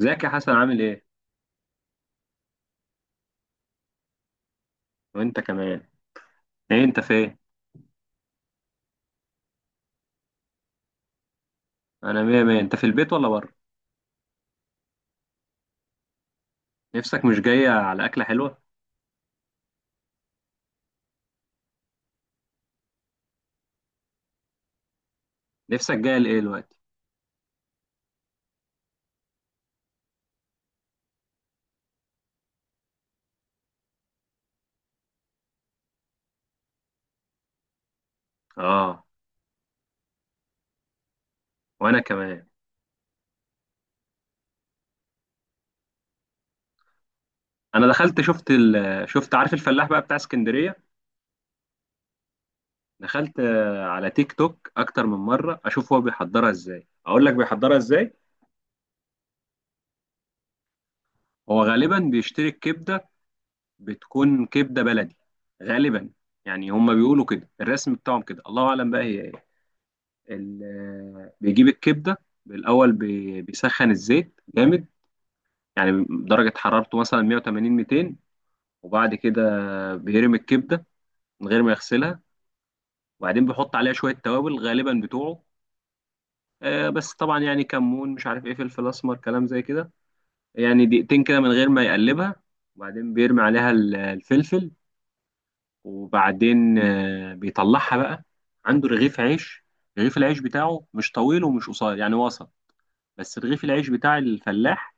ازيك يا حسن، عامل ايه؟ وانت كمان. ايه انت فين؟ انا مية مية. انت في البيت ولا بره؟ نفسك مش جاية على اكلة حلوة؟ نفسك جاية لايه دلوقتي؟ اه، وانا كمان. انا دخلت شفت شفت، عارف الفلاح بقى بتاع اسكندرية؟ دخلت على تيك توك اكتر من مرة اشوف هو بيحضرها ازاي، اقول لك بيحضرها ازاي؟ هو غالبا بيشتري الكبدة، بتكون كبدة بلدي غالبا. يعني هما بيقولوا كده، الرسم بتاعهم كده، الله اعلم بقى هي ايه. بيجيب الكبده بالاول بيسخن الزيت جامد، يعني درجه حرارته مثلا 180 200، وبعد كده بيرمي الكبده من غير ما يغسلها، وبعدين بيحط عليها شويه توابل غالبا بتوعه. بس طبعا يعني كمون مش عارف ايه، فلفل اسمر، كلام زي كده. يعني دقيقتين كده من غير ما يقلبها، وبعدين بيرمي عليها الفلفل، وبعدين بيطلعها بقى. عنده رغيف عيش، رغيف العيش بتاعه مش طويل ومش قصير يعني وسط، بس رغيف العيش بتاع الفلاح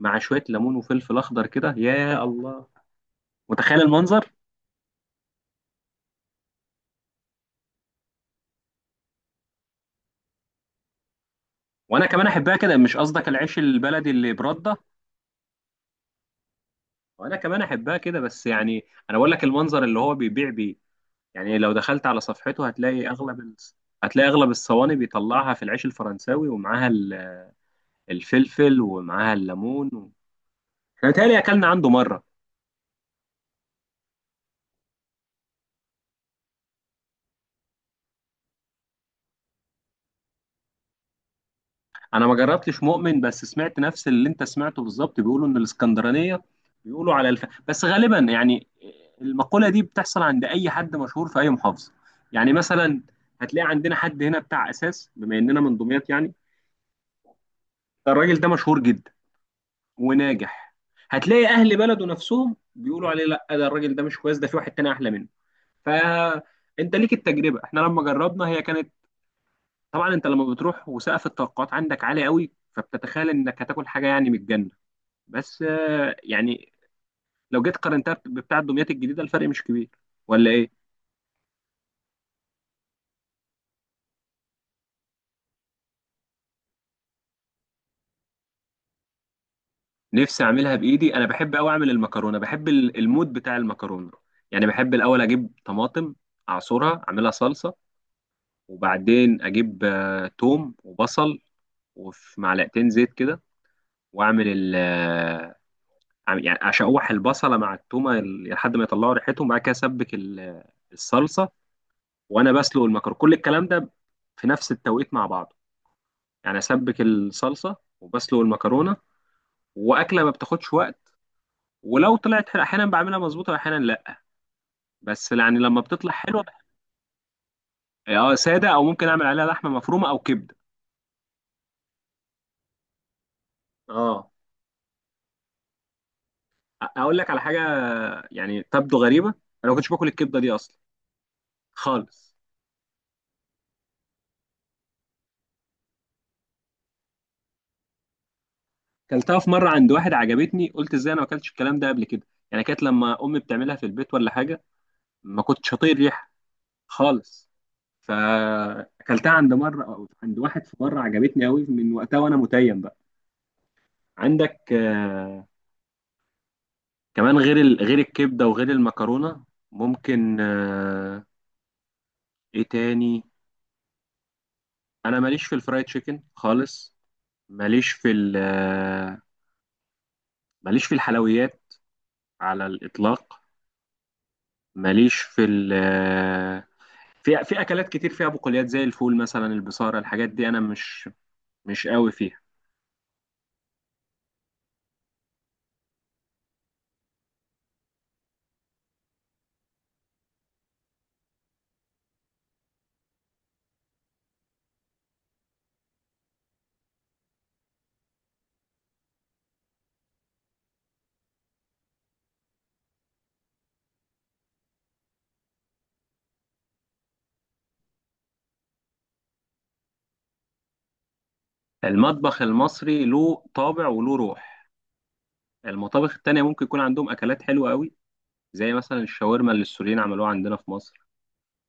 مع شويه ليمون وفلفل اخضر كده، يا الله متخيل المنظر. وانا كمان احبها كده، مش قصدك العيش البلدي اللي برده. وانا كمان احبها كده بس يعني انا بقول لك المنظر اللي هو بيبيع بيه. يعني لو دخلت على صفحته هتلاقي اغلب هتلاقي اغلب الصواني بيطلعها في العيش الفرنساوي ومعاها الفلفل ومعاها الليمون احنا بيتهيألي اكلنا عنده مره. انا ما جربتش مؤمن، بس سمعت نفس اللي انت سمعته بالظبط. بيقولوا ان الاسكندرانيه بيقولوا على بس غالبا يعني المقوله دي بتحصل عند اي حد مشهور في اي محافظه. يعني مثلا هتلاقي عندنا حد هنا بتاع اساس، بما اننا من دمياط يعني. ده الراجل ده مشهور جدا وناجح، هتلاقي اهل بلده نفسهم بيقولوا عليه لا ده الراجل ده مش كويس، ده في واحد تاني احلى منه. فانت ليك التجربه، احنا لما جربنا هي كانت... طبعا انت لما بتروح وسقف التوقعات عندك عالي قوي فبتتخيل انك هتاكل حاجه يعني من الجنه. بس يعني لو جيت قارنتها بتاع دمياط الجديده الفرق مش كبير، ولا ايه؟ نفسي اعملها بايدي. انا بحب قوي اعمل المكرونه، بحب المود بتاع المكرونه. يعني بحب الاول اجيب طماطم، اعصرها اعملها صلصه، وبعدين اجيب توم وبصل، وفي معلقتين زيت كده، واعمل يعني اشوح البصله مع التومه ال- لحد ما يطلعوا ريحتهم، بعد كده اسبك الصلصه، وانا بسلق المكرونه. كل الكلام ده في نفس التوقيت مع بعض، يعني اسبك الصلصه وبسلق المكرونه، واكله ما بتاخدش وقت. ولو طلعت حلوة احيانا بعملها مظبوطه واحيانا لا، بس يعني لما بتطلع حلوه... اه ساده، او ممكن اعمل عليها لحمه مفرومه او كبده. اه. اقول لك على حاجه يعني تبدو غريبه. انا ما كنتش باكل الكبده دي اصلا، خالص. كلتها في مره عند واحد، عجبتني. قلت ازاي انا ما اكلتش الكلام ده قبل كده؟ يعني كانت لما امي بتعملها في البيت ولا حاجه ما كنتش هطيق الريحه خالص. فاكلتها عند مره عند واحد في مره عجبتني قوي، من وقتها وانا متيم. عندك كمان غير غير الكبده وغير المكرونه ممكن ايه تاني؟ انا ماليش في الفرايد تشيكن خالص، ماليش في ال... آه، ماليش في الحلويات على الاطلاق، ماليش في ال... آه، في اكلات كتير فيها بقوليات زي الفول مثلا، البصاره، الحاجات دي انا مش قوي فيها. المطبخ المصري له طابع وله روح، المطابخ التانية ممكن يكون عندهم اكلات حلوه قوي، زي مثلا الشاورما اللي السوريين عملوها عندنا في مصر،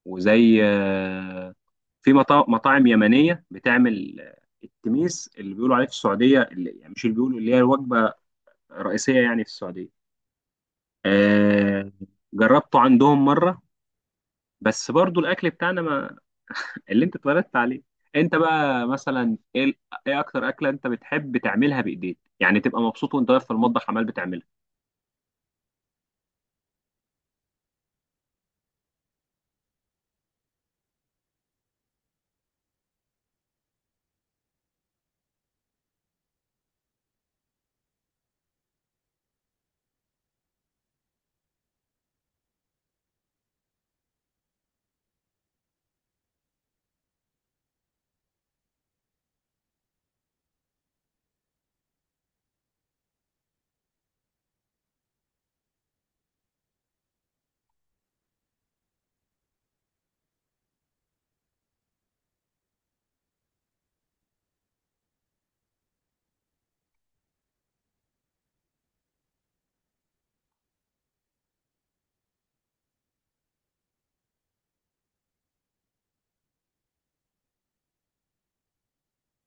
وزي في مطاعم يمنيه بتعمل التميس اللي بيقولوا عليه في السعوديه، اللي يعني مش اللي بيقولوا اللي هي وجبه رئيسيه يعني في السعوديه. آه، جربته عندهم مره، بس برضو الاكل بتاعنا، ما اللي انت اتولدت عليه. انت بقى مثلا ايه ايه اكتر اكله انت بتحب تعملها بايديك، يعني تبقى مبسوط وانت واقف في المطبخ عمال بتعملها؟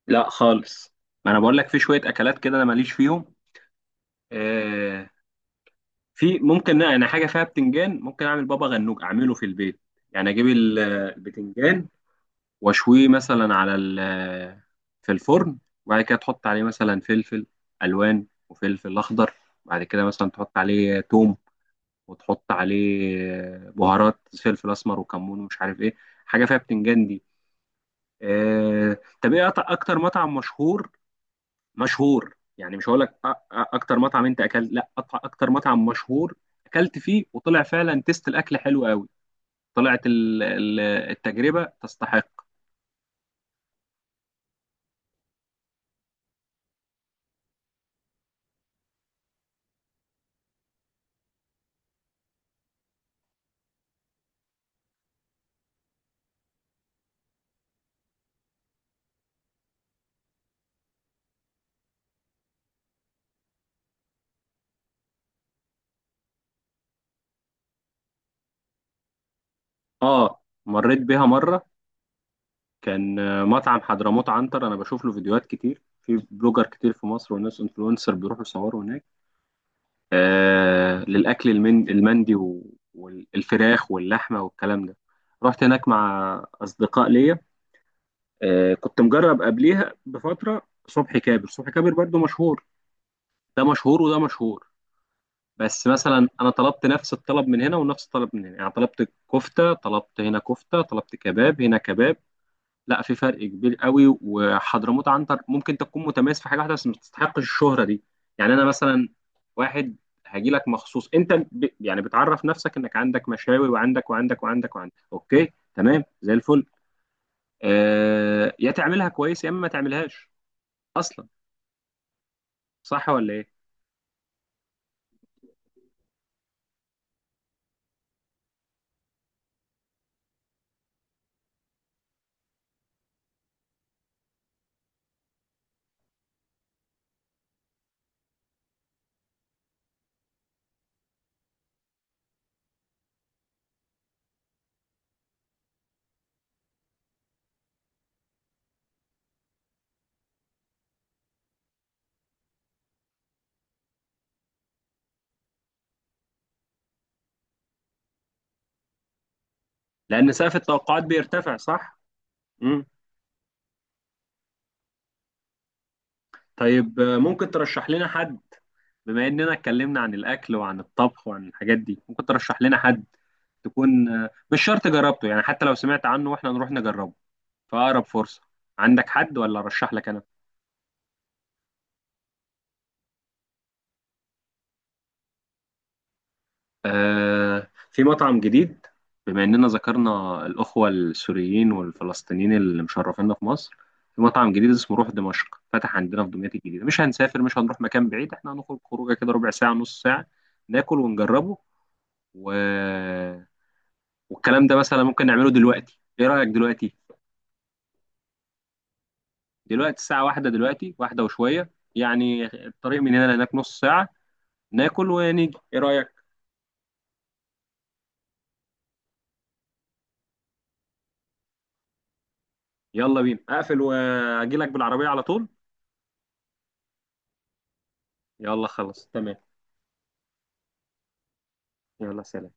لا خالص، ما انا بقول لك في شويه اكلات كده انا ماليش فيهم. آه، في ممكن انا حاجه فيها بتنجان، ممكن اعمل بابا غنوج اعمله في البيت. يعني اجيب البتنجان واشويه مثلا على في الفرن، وبعد كده تحط عليه مثلا فلفل الوان وفلفل اخضر، بعد كده مثلا تحط عليه توم، وتحط عليه بهارات فلفل اسمر وكمون ومش عارف ايه. حاجه فيها بتنجان دي. طب ايه اكتر مطعم مشهور، مشهور يعني مش هقول لك اكتر مطعم انت اكلت، لا اكتر مطعم مشهور اكلت فيه وطلع فعلا تيست الاكل حلو قوي، طلعت التجربه تستحق. اه مريت بيها مره. كان مطعم حضرموت عنتر، انا بشوف له فيديوهات كتير في بلوجر كتير في مصر وناس انفلونسر بيروحوا يصوروا هناك، آه للاكل المندي والفراخ واللحمه والكلام ده. رحت هناك مع اصدقاء ليا. كنت مجرب قبليها بفترة صبحي كابر. صبحي كابر برضو مشهور، ده مشهور وده مشهور. بس مثلا انا طلبت نفس الطلب من هنا ونفس الطلب من هنا، يعني طلبت كفتة طلبت هنا كفتة، طلبت كباب هنا كباب. لا في فرق كبير قوي، وحضرموت عنتر ممكن تكون متميز في حاجة واحدة بس ما تستحقش الشهرة دي. يعني انا مثلا، واحد هاجي لك مخصوص انت ب... يعني بتعرف نفسك انك عندك مشاوي وعندك وعندك وعندك وعندك، اوكي تمام زي الفل. يا تعملها كويس يا اما ما تعملهاش اصلا، صح ولا ايه؟ لأن سقف التوقعات بيرتفع، صح؟ مم. طيب، ممكن ترشح لنا حد؟ بما إننا اتكلمنا عن الأكل وعن الطبخ وعن الحاجات دي، ممكن ترشح لنا حد تكون مش شرط جربته، يعني حتى لو سمعت عنه واحنا نروح نجربه في أقرب فرصة. عندك حد ولا أرشح لك أنا؟ في مطعم جديد، بما إننا ذكرنا الأخوة السوريين والفلسطينيين اللي مشرفيننا في مصر، في مطعم جديد اسمه روح دمشق فتح عندنا في دمياط الجديدة. مش هنسافر، مش هنروح مكان بعيد، احنا هنخرج خروجة كده ربع ساعة نص ساعة، ناكل ونجربه و... والكلام ده مثلا ممكن نعمله دلوقتي، إيه رأيك دلوقتي؟ دلوقتي الساعة واحدة، دلوقتي واحدة وشوية، يعني الطريق من هنا لهناك نص ساعة، ناكل ونيجي، إيه رأيك؟ يلا بينا، أقفل وأجيلك بالعربية على طول. يلا خلاص تمام. يلا سلام.